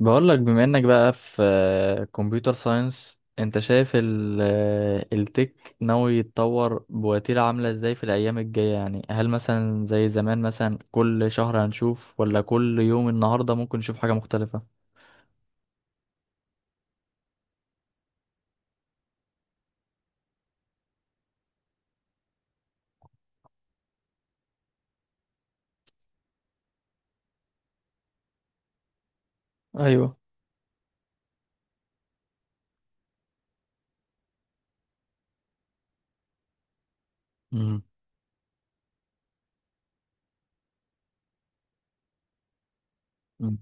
بقول لك بما انك بقى في كمبيوتر ساينس، انت شايف التك ناوي يتطور بوتيرة عاملة ازاي في الايام الجاية؟ يعني هل مثلا زي زمان مثلا كل شهر هنشوف ولا كل يوم النهاردة ممكن نشوف حاجة مختلفة؟ ايوه. امم. أمم.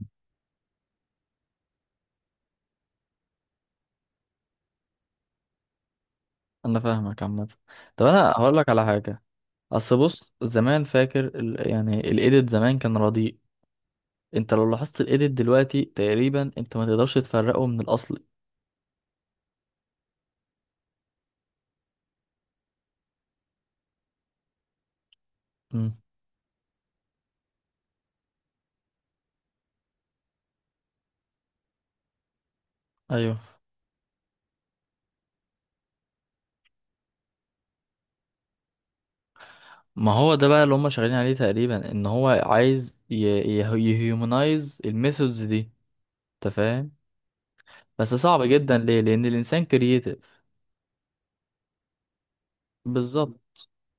انا فاهمك عامة. طب انا هقول لك على حاجة. اصل بص، زمان فاكر يعني الايديت زمان كان رديء. انت لو لاحظت الايديت دلوقتي تقريبا انت ما تقدرش تفرقه من الاصل. أمم. ايوه. ما هو ده بقى اللي هم شغالين عليه تقريبا، ان هو عايز يهيومنايز الميثودز دي، انت فاهم؟ بس صعب جدا ليه؟ لان الانسان كرييتيف. بالظبط.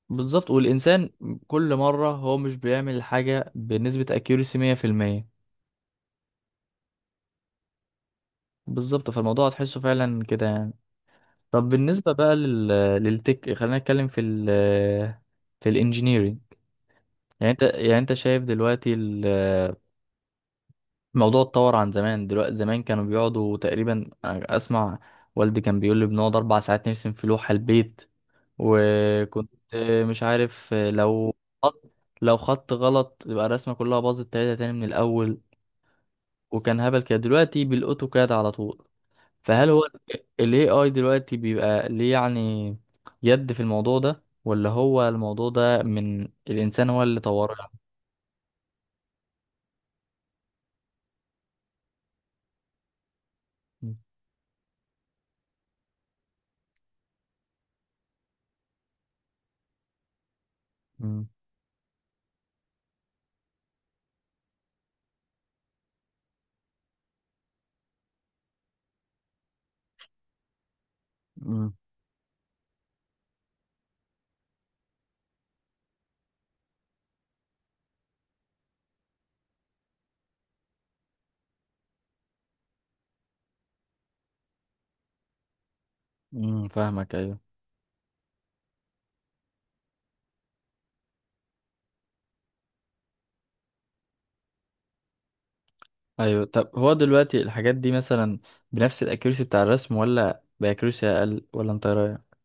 بالظبط، والانسان كل مره هو مش بيعمل حاجه بنسبه اكيوريسي 100%. بالظبط، فالموضوع هتحسه فعلا كده يعني. طب بالنسبه بقى لل، للتك، خلينا نتكلم في ال، في الانجينيرينج. يعني انت، يعني انت شايف دلوقتي الموضوع اتطور عن زمان؟ دلوقتي زمان كانوا بيقعدوا تقريبا، اسمع، والدي كان بيقول لي بنقعد اربع ساعات نرسم في لوحة البيت. وكنت مش عارف، خط لو خط غلط يبقى الرسمة كلها باظت، تلاته تاني من الاول. وكان هبل كده. دلوقتي بالاوتوكاد على طول. فهل هو ال AI دلوقتي بيبقى ليه يعني يد في الموضوع ده، ولا هو الموضوع ده من الانسان هو اللي طوره يعني؟ م- م- م- فاهمك، أيوة. ايوه، طب هو دلوقتي الحاجات دي مثلا بنفس الاكيرسي بتاع الرسم ولا باكيرسي اقل، ولا انت إيه رايك؟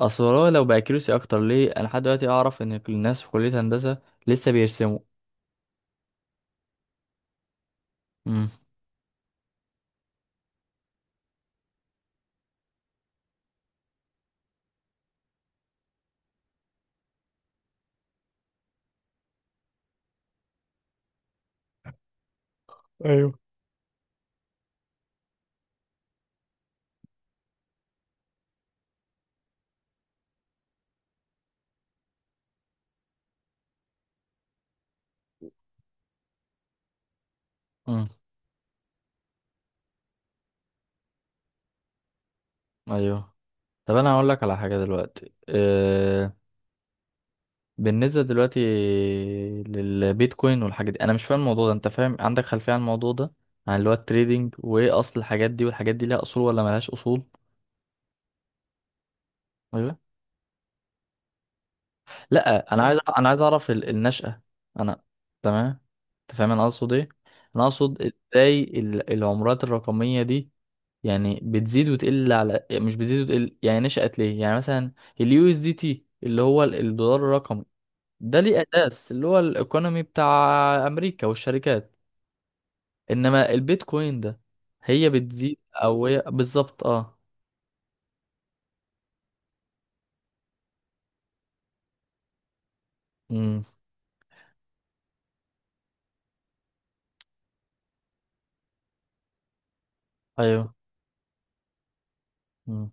اصل هو لو باكيرسي اكتر، ليه انا لحد دلوقتي اعرف ان الناس في كليه هندسه لسه بيرسموا؟ امم. ايوه. امم. ايوه. طب انا هقول لك على حاجه دلوقتي. بالنسبه دلوقتي للبيتكوين والحاجات دي، انا مش فاهم الموضوع ده. انت فاهم؟ عندك خلفيه عن الموضوع ده، عن اللي هو التريدينج وايه اصل الحاجات دي؟ والحاجات دي ليها اصول ولا ملهاش اصول؟ أيوة. لا، انا عايز، اعرف النشأة. انا، تمام. انت فاهم انا اقصد ايه؟ انا اقصد ازاي العملات الرقمية دي يعني بتزيد وتقل على، يعني مش بتزيد وتقل، يعني نشأت ليه؟ يعني مثلا اليو اس دي تي اللي هو الدولار الرقمي، ده ليه اساس، اللي هو الايكونومي بتاع امريكا والشركات. انما البيتكوين ده هي بتزيد او هي بالظبط، اه. امم. ايوه. مم.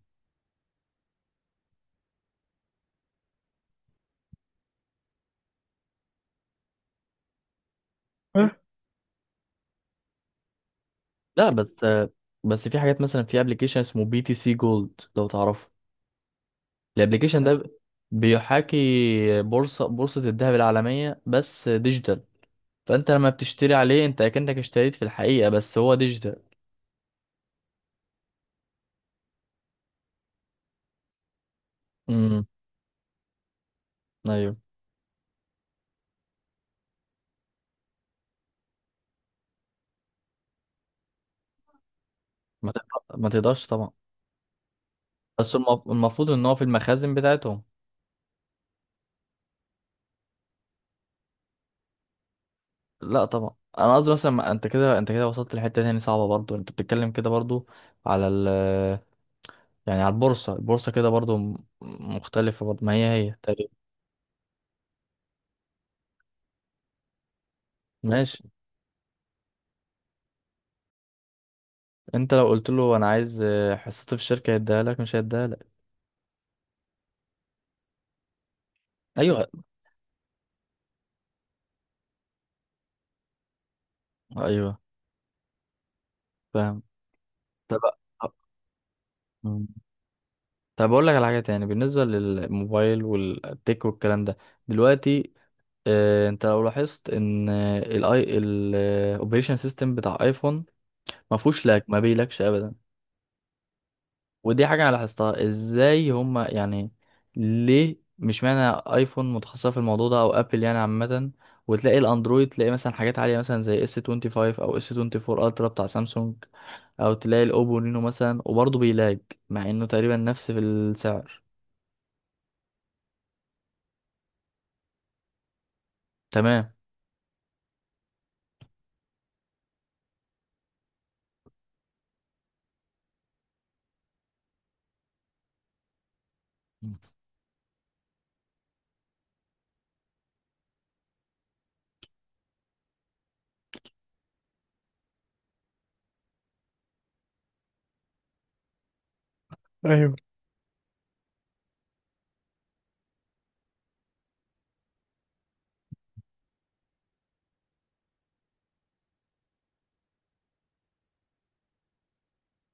لا بس، بس في حاجات مثلا، في ابلكيشن اسمه بي تي سي جولد، لو تعرفه. الابلكيشن لا، ده بيحاكي بورصة الذهب العالمية، بس ديجيتال. فانت لما بتشتري عليه انت اكنك اشتريت في الحقيقة، بس هو ديجيتال. امم. ايوه. ما تقدرش طبعا. بس المفروض ان هو في المخازن بتاعتهم. لا طبعا، انا قصدي مثلا، انت كده، انت كده وصلت لحتة تاني صعبة برضو. انت بتتكلم كده برضو على ال، يعني على البورصة، البورصة كده برضو مختلفة برضو، ما هي هي تقريبا. ماشي. انت لو قلت له انا عايز، آه، حصتي في الشركه هيديها لك؟ مش هيديها لك. ايوه، ايوه. فاهم. طب. مم. طب اقول لك على حاجه تاني بالنسبه للموبايل والتك والكلام ده دلوقتي. انت لو لاحظت ان الاوبريشن سيستم بتاع ايفون ما فيهوش لاج، ما بيلاكش ابدا. ودي حاجة أنا لاحظتها، إزاي هما يعني؟ ليه؟ مش معنى أيفون متخصصة في الموضوع ده، أو أبل يعني عامة. وتلاقي الأندرويد، تلاقي مثلا حاجات عالية، مثلا زي اس 25 أو اس 24 ألترا بتاع سامسونج، أو تلاقي الأوبو رينو مثلا، وبرضه بيلاج مع إنه تقريبا نفس في السعر. تمام. م.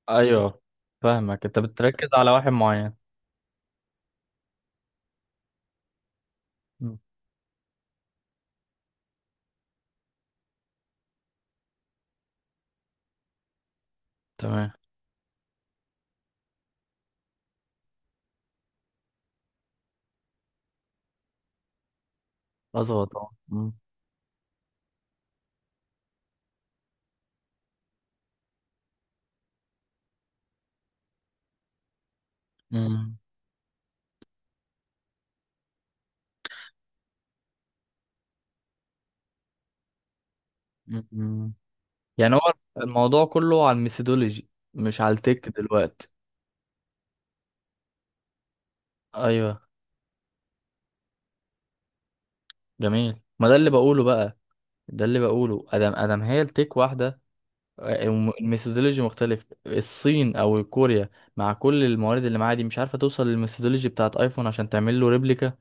أيوه، فاهمك، أنت بتركز على واحد معين. م. تمام. أظبط طبعا. م. م. م. م. يعني هو الموضوع كله على الميثودولوجي مش على التك دلوقتي. ايوه. جميل، ما ده اللي بقوله بقى، ده اللي بقوله، ادم ادم، هي التك واحده. الميثودولوجي مختلف. الصين او كوريا، مع كل الموارد اللي معاها دي، مش عارفه توصل للميثودولوجي بتاعت ايفون عشان تعمل له ريبليكا.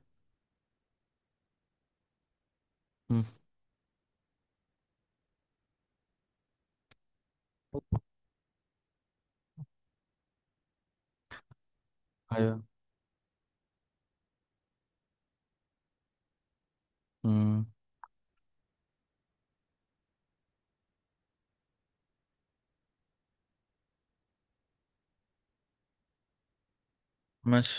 مم. ايوه. مم. ماشي.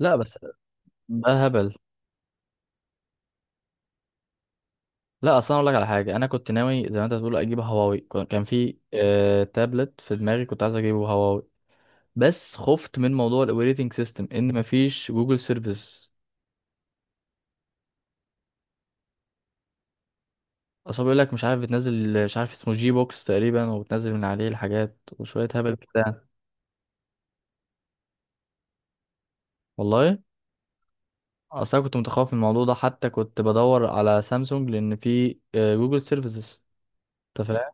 لا بس، ده هبل. لا اصلا، اقول لك على حاجه، انا كنت ناوي زي ما انت بتقول اجيب هواوي. كان في تابلت في دماغي، كنت عايز اجيبه هواوي، بس خفت من موضوع الاوبريتنج سيستم ان مفيش جوجل سيرفيس. اصل بيقول لك مش عارف بتنزل، مش عارف اسمه جي بوكس تقريبا، وبتنزل من عليه الحاجات وشوية هبل كده يعني. والله. اه، اصل انا كنت متخوف من الموضوع ده حتى كنت بدور على سامسونج لان في جوجل سيرفيسز، انت فاهم.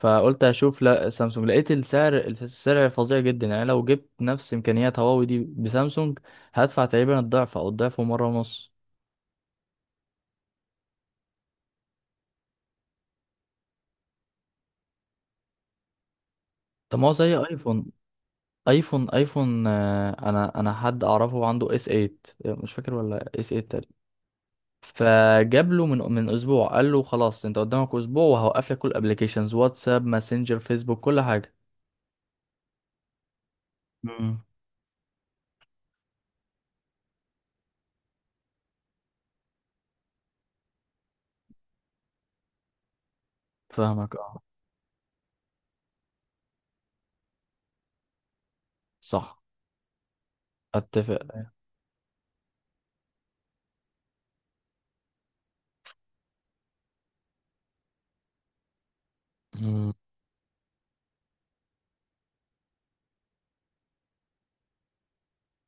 فقلت اشوف لا سامسونج، لقيت السعر، السعر فظيع جدا يعني. لو جبت نفس امكانيات هواوي دي بسامسونج هدفع تقريبا الضعف او الضعف ومره ونص. طب ما هو زي ايفون. ايفون، انا حد اعرفه عنده اس 8، مش فاكر ولا اس 8. فجاب له من اسبوع، قال له خلاص انت قدامك اسبوع وهوقف لك كل الابلكيشنز، واتساب ماسنجر فيسبوك كل حاجه. مم. فاهمك، اه. صح. اتفق. مم.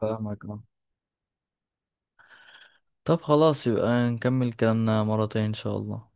فاهمك، اه. طب خلاص يبقى نكمل كلامنا مرتين ان شاء الله.